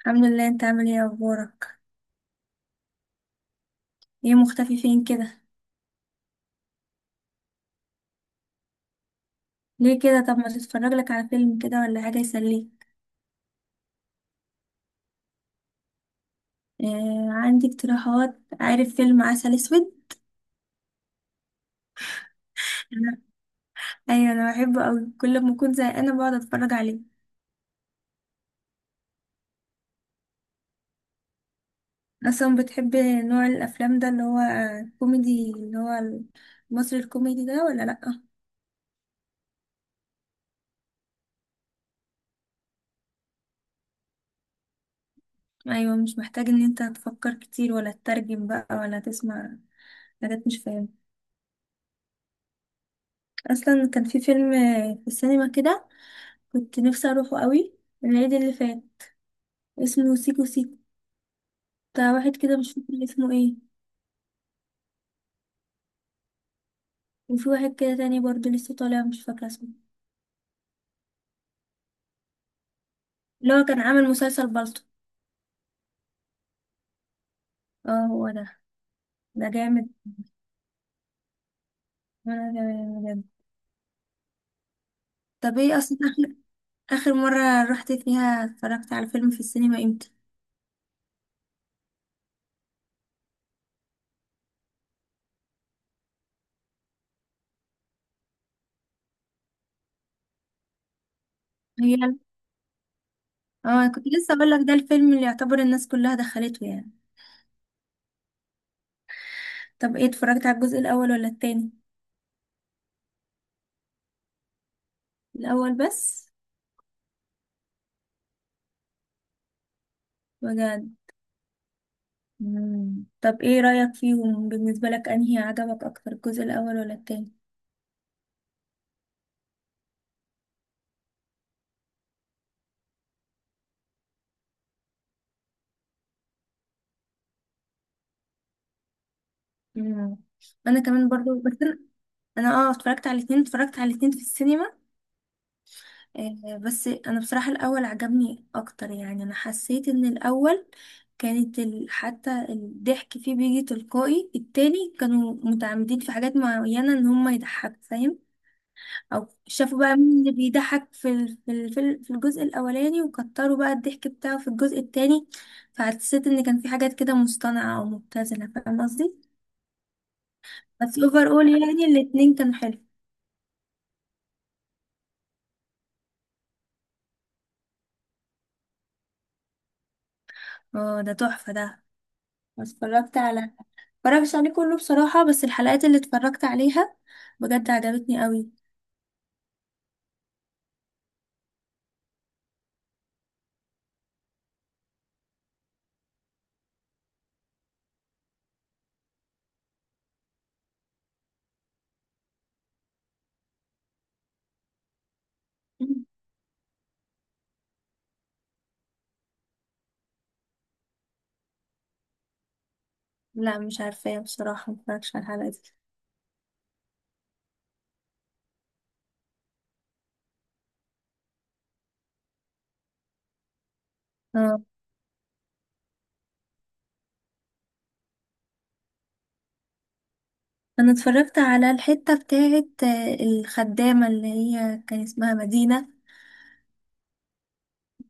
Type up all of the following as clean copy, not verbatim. الحمد لله، انت عامل ايه؟ اخبارك؟ ايه مختفي فين كده؟ ليه كده؟ طب ما تتفرج لك على فيلم كده ولا حاجه يسليك. آه، عندي اقتراحات. عارف فيلم عسل اسود؟ انا- ايوه انا بحبه قوي، كل ما اكون زهقانه بقعد اتفرج عليه. اصلا بتحب نوع الافلام ده اللي هو كوميدي، اللي هو المصري الكوميدي ده، ولا لا؟ ايوه مش محتاج ان انت تفكر كتير، ولا تترجم بقى، ولا تسمع حاجات مش فاهم. اصلا كان في فيلم في السينما كده، كنت نفسي اروحه قوي، العيد اللي فات، اسمه سيكو سيكو، بتاع واحد كده مش فاكرة اسمه ايه. وفي واحد كده تاني برضه لسه طالع مش فاكرة اسمه، اللي هو كان عامل مسلسل بالطو. اه هو ده. ده جامد. وانا جامد بجد. طب ايه اصلا آخر مرة رحت فيها اتفرجت على فيلم في السينما امتى؟ هي اه كنت لسه اقول لك، ده الفيلم اللي يعتبر الناس كلها دخلته يعني. طب ايه، اتفرجت على الجزء الاول ولا التاني؟ الاول بس. بجد. مم. طب ايه رأيك فيهم؟ بالنسبة لك انهي عجبك اكتر، الجزء الاول ولا التاني؟ مم. انا كمان برضو، بس انا أنا اه اتفرجت على الاثنين، اتفرجت على الاثنين في السينما. بس انا بصراحة الاول عجبني اكتر، يعني انا حسيت ان الاول حتى الضحك فيه بيجي تلقائي. التاني كانوا متعمدين في حاجات معينة ان هم يضحكوا، فاهم؟ او شافوا بقى مين اللي بيضحك في الجزء الاولاني، وكتروا بقى الضحك بتاعه في الجزء التاني. فحسيت ان كان في حاجات كده مصطنعة او مبتذلة، فاهم قصدي؟ بس اوفر اول يعني الاتنين كانوا حلو. اه ده تحفة ده. اتفرجت على اتفرجتش عليه كله بصراحة، بس الحلقات اللي اتفرجت عليها بجد عجبتني قوي. لا مش عارفة بصراحة، متفرجش على الحلقة دي. اه انا اتفرجت على الحتة بتاعت الخدامة اللي هي كان اسمها مدينة.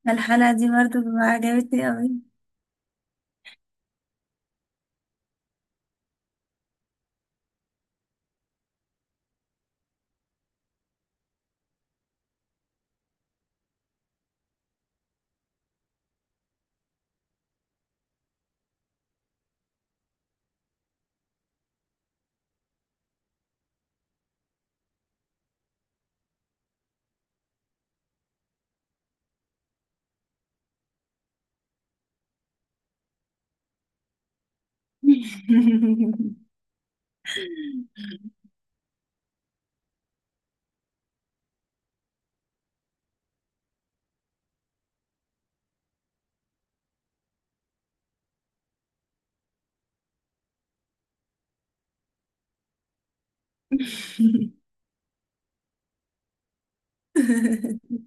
الحلقة دي برضو عجبتني قوي.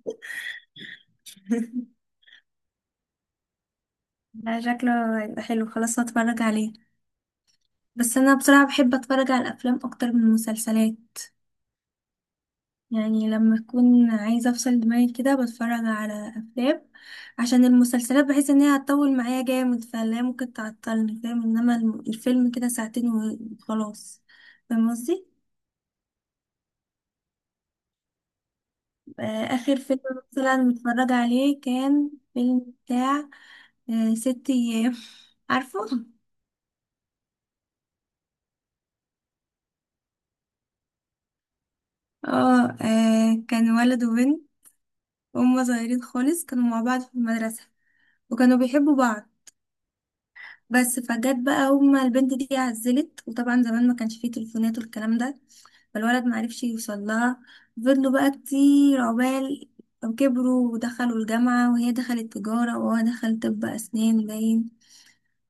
لا شكله هيبقى حلو، خلاص هتفرج عليه. بس انا بصراحة بحب اتفرج على الافلام اكتر من المسلسلات. يعني لما أكون عايزة أفصل دماغي كده بتفرج على أفلام، عشان المسلسلات بحس إن هي هتطول معايا جامد فلا، ممكن تعطلني فاهم، إنما الفيلم كده ساعتين وخلاص. فاهم قصدي؟ آه، آخر فيلم مثلا متفرج عليه كان فيلم بتاع 6 أيام. عارفه؟ اه كان ولد وبنت هما صغيرين خالص، كانوا مع بعض في المدرسة وكانوا بيحبوا بعض. بس فجت بقى هما البنت دي عزلت، وطبعا زمان ما كانش فيه تليفونات والكلام ده، فالولد معرفش يوصل لها. فضلوا بقى كتير عقبال كبروا ودخلوا الجامعة، وهي دخلت تجارة وهو دخل طب أسنان باين.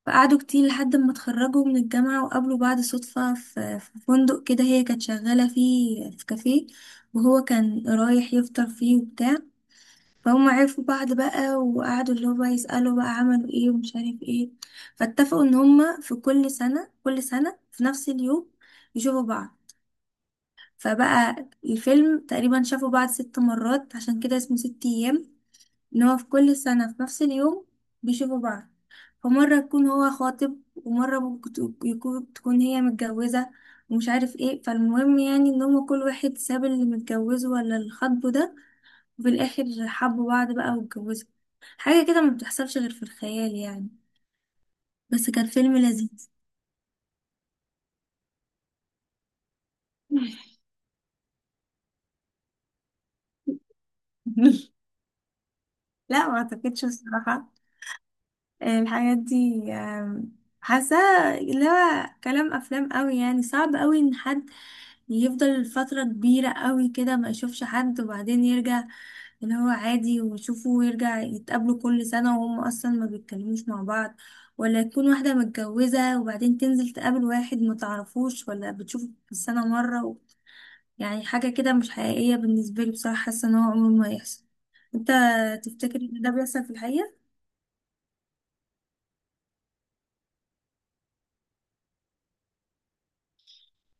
فقعدوا كتير لحد ما اتخرجوا من الجامعة، وقابلوا بعض صدفة في فندق كده، هي كانت شغالة فيه في كافيه وهو كان رايح يفطر فيه وبتاع. فهم عرفوا بعض بقى، وقعدوا اللي هو بقى يسألوا بقى عملوا ايه ومش عارف ايه. فاتفقوا ان هما في كل سنة، كل سنة في نفس اليوم يشوفوا بعض. فبقى الفيلم تقريبا شافوا بعض 6 مرات، عشان كده اسمه 6 ايام، ان هو في كل سنة في نفس اليوم بيشوفوا بعض. فمرة يكون هو خاطب، ومرة ممكن تكون هي متجوزة ومش عارف ايه. فالمهم يعني ان هما كل واحد ساب اللي متجوزه ولا اللي خاطبه ده، وفي الآخر حبوا بعض بقى واتجوزوا. حاجة كده ما بتحصلش غير في الخيال يعني، بس كان فيلم لذيذ. لا ما اعتقدش الصراحة. الحاجات دي حاساه اللي هو كلام افلام قوي. يعني صعب قوي ان حد يفضل فترة كبيرة قوي كده ما يشوفش حد، وبعدين يرجع اللي هو عادي ويشوفه، ويرجع يتقابلوا كل سنة وهم اصلا ما بيتكلموش مع بعض. ولا تكون واحدة متجوزة وبعدين تنزل تقابل واحد ما تعرفوش ولا بتشوفه في السنة مرة يعني حاجة كده مش حقيقية بالنسبة لي بصراحة، حاسة ان هو عمره ما هيحصل. انت تفتكر ان ده بيحصل في الحقيقة؟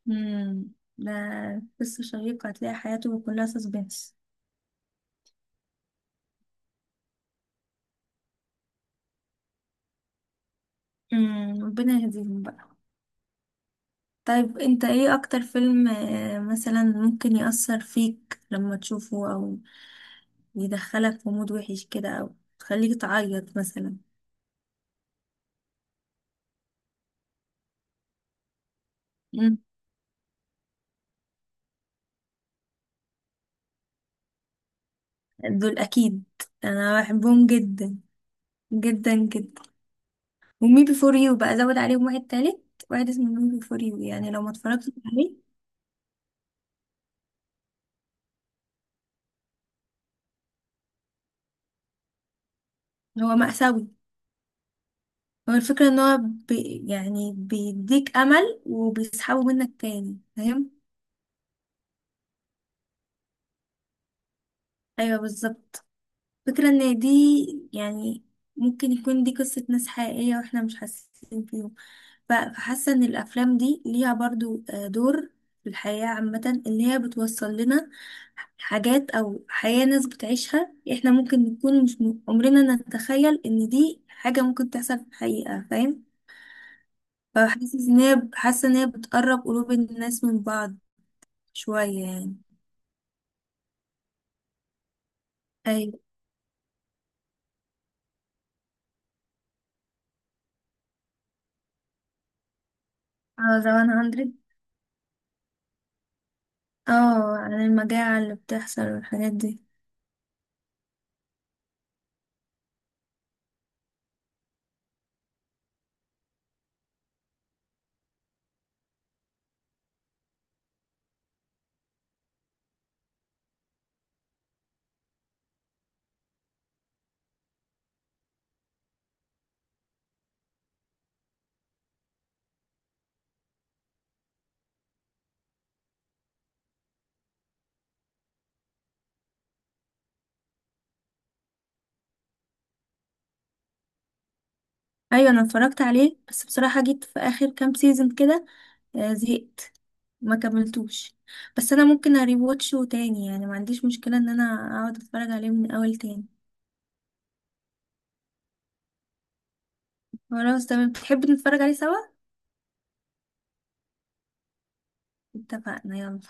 امم. ده قصة شيقة، هتلاقي حياته كلها سسبنس. ربنا يهديهم بقى. طيب انت ايه اكتر فيلم مثلا ممكن يأثر فيك لما تشوفه، او يدخلك في مود وحش كده، او تخليك تعيط مثلا؟ امم دول اكيد، انا بحبهم جدا، جدا جدا. ومي بي فور يو بقى زود عليهم واحد تالت، واحد اسمه مي بي فور يو يعني لو ما اتفرجتش عليه. هو مأساوي. هو الفكرة ان هو بي يعني بيديك امل وبيسحبه منك تاني، فاهم؟ ايوه بالظبط. فكرة ان دي يعني ممكن يكون دي قصة ناس حقيقية واحنا مش حاسين فيهم. فحاسة ان الافلام دي ليها برضو دور في الحياة عامة، اللي هي بتوصل لنا حاجات او حياة ناس بتعيشها احنا ممكن نكون مش م- عمرنا نتخيل ان دي حاجة ممكن تحصل في الحقيقة، فاهم؟ فحاسس ان هي، حاسة ان هي بتقرب قلوب الناس من بعض شوية يعني. ايوه اه ذا 100. اه عن المجاعة اللي بتحصل والحاجات دي. ايوه انا اتفرجت عليه، بس بصراحة جيت في اخر كام سيزون كده زهقت ما كملتوش. بس انا ممكن اريواتشه تاني، يعني ما عنديش مشكلة ان انا اقعد اتفرج عليه من اول تاني. خلاص تمام، بتحب نتفرج عليه سوا؟ اتفقنا يلا.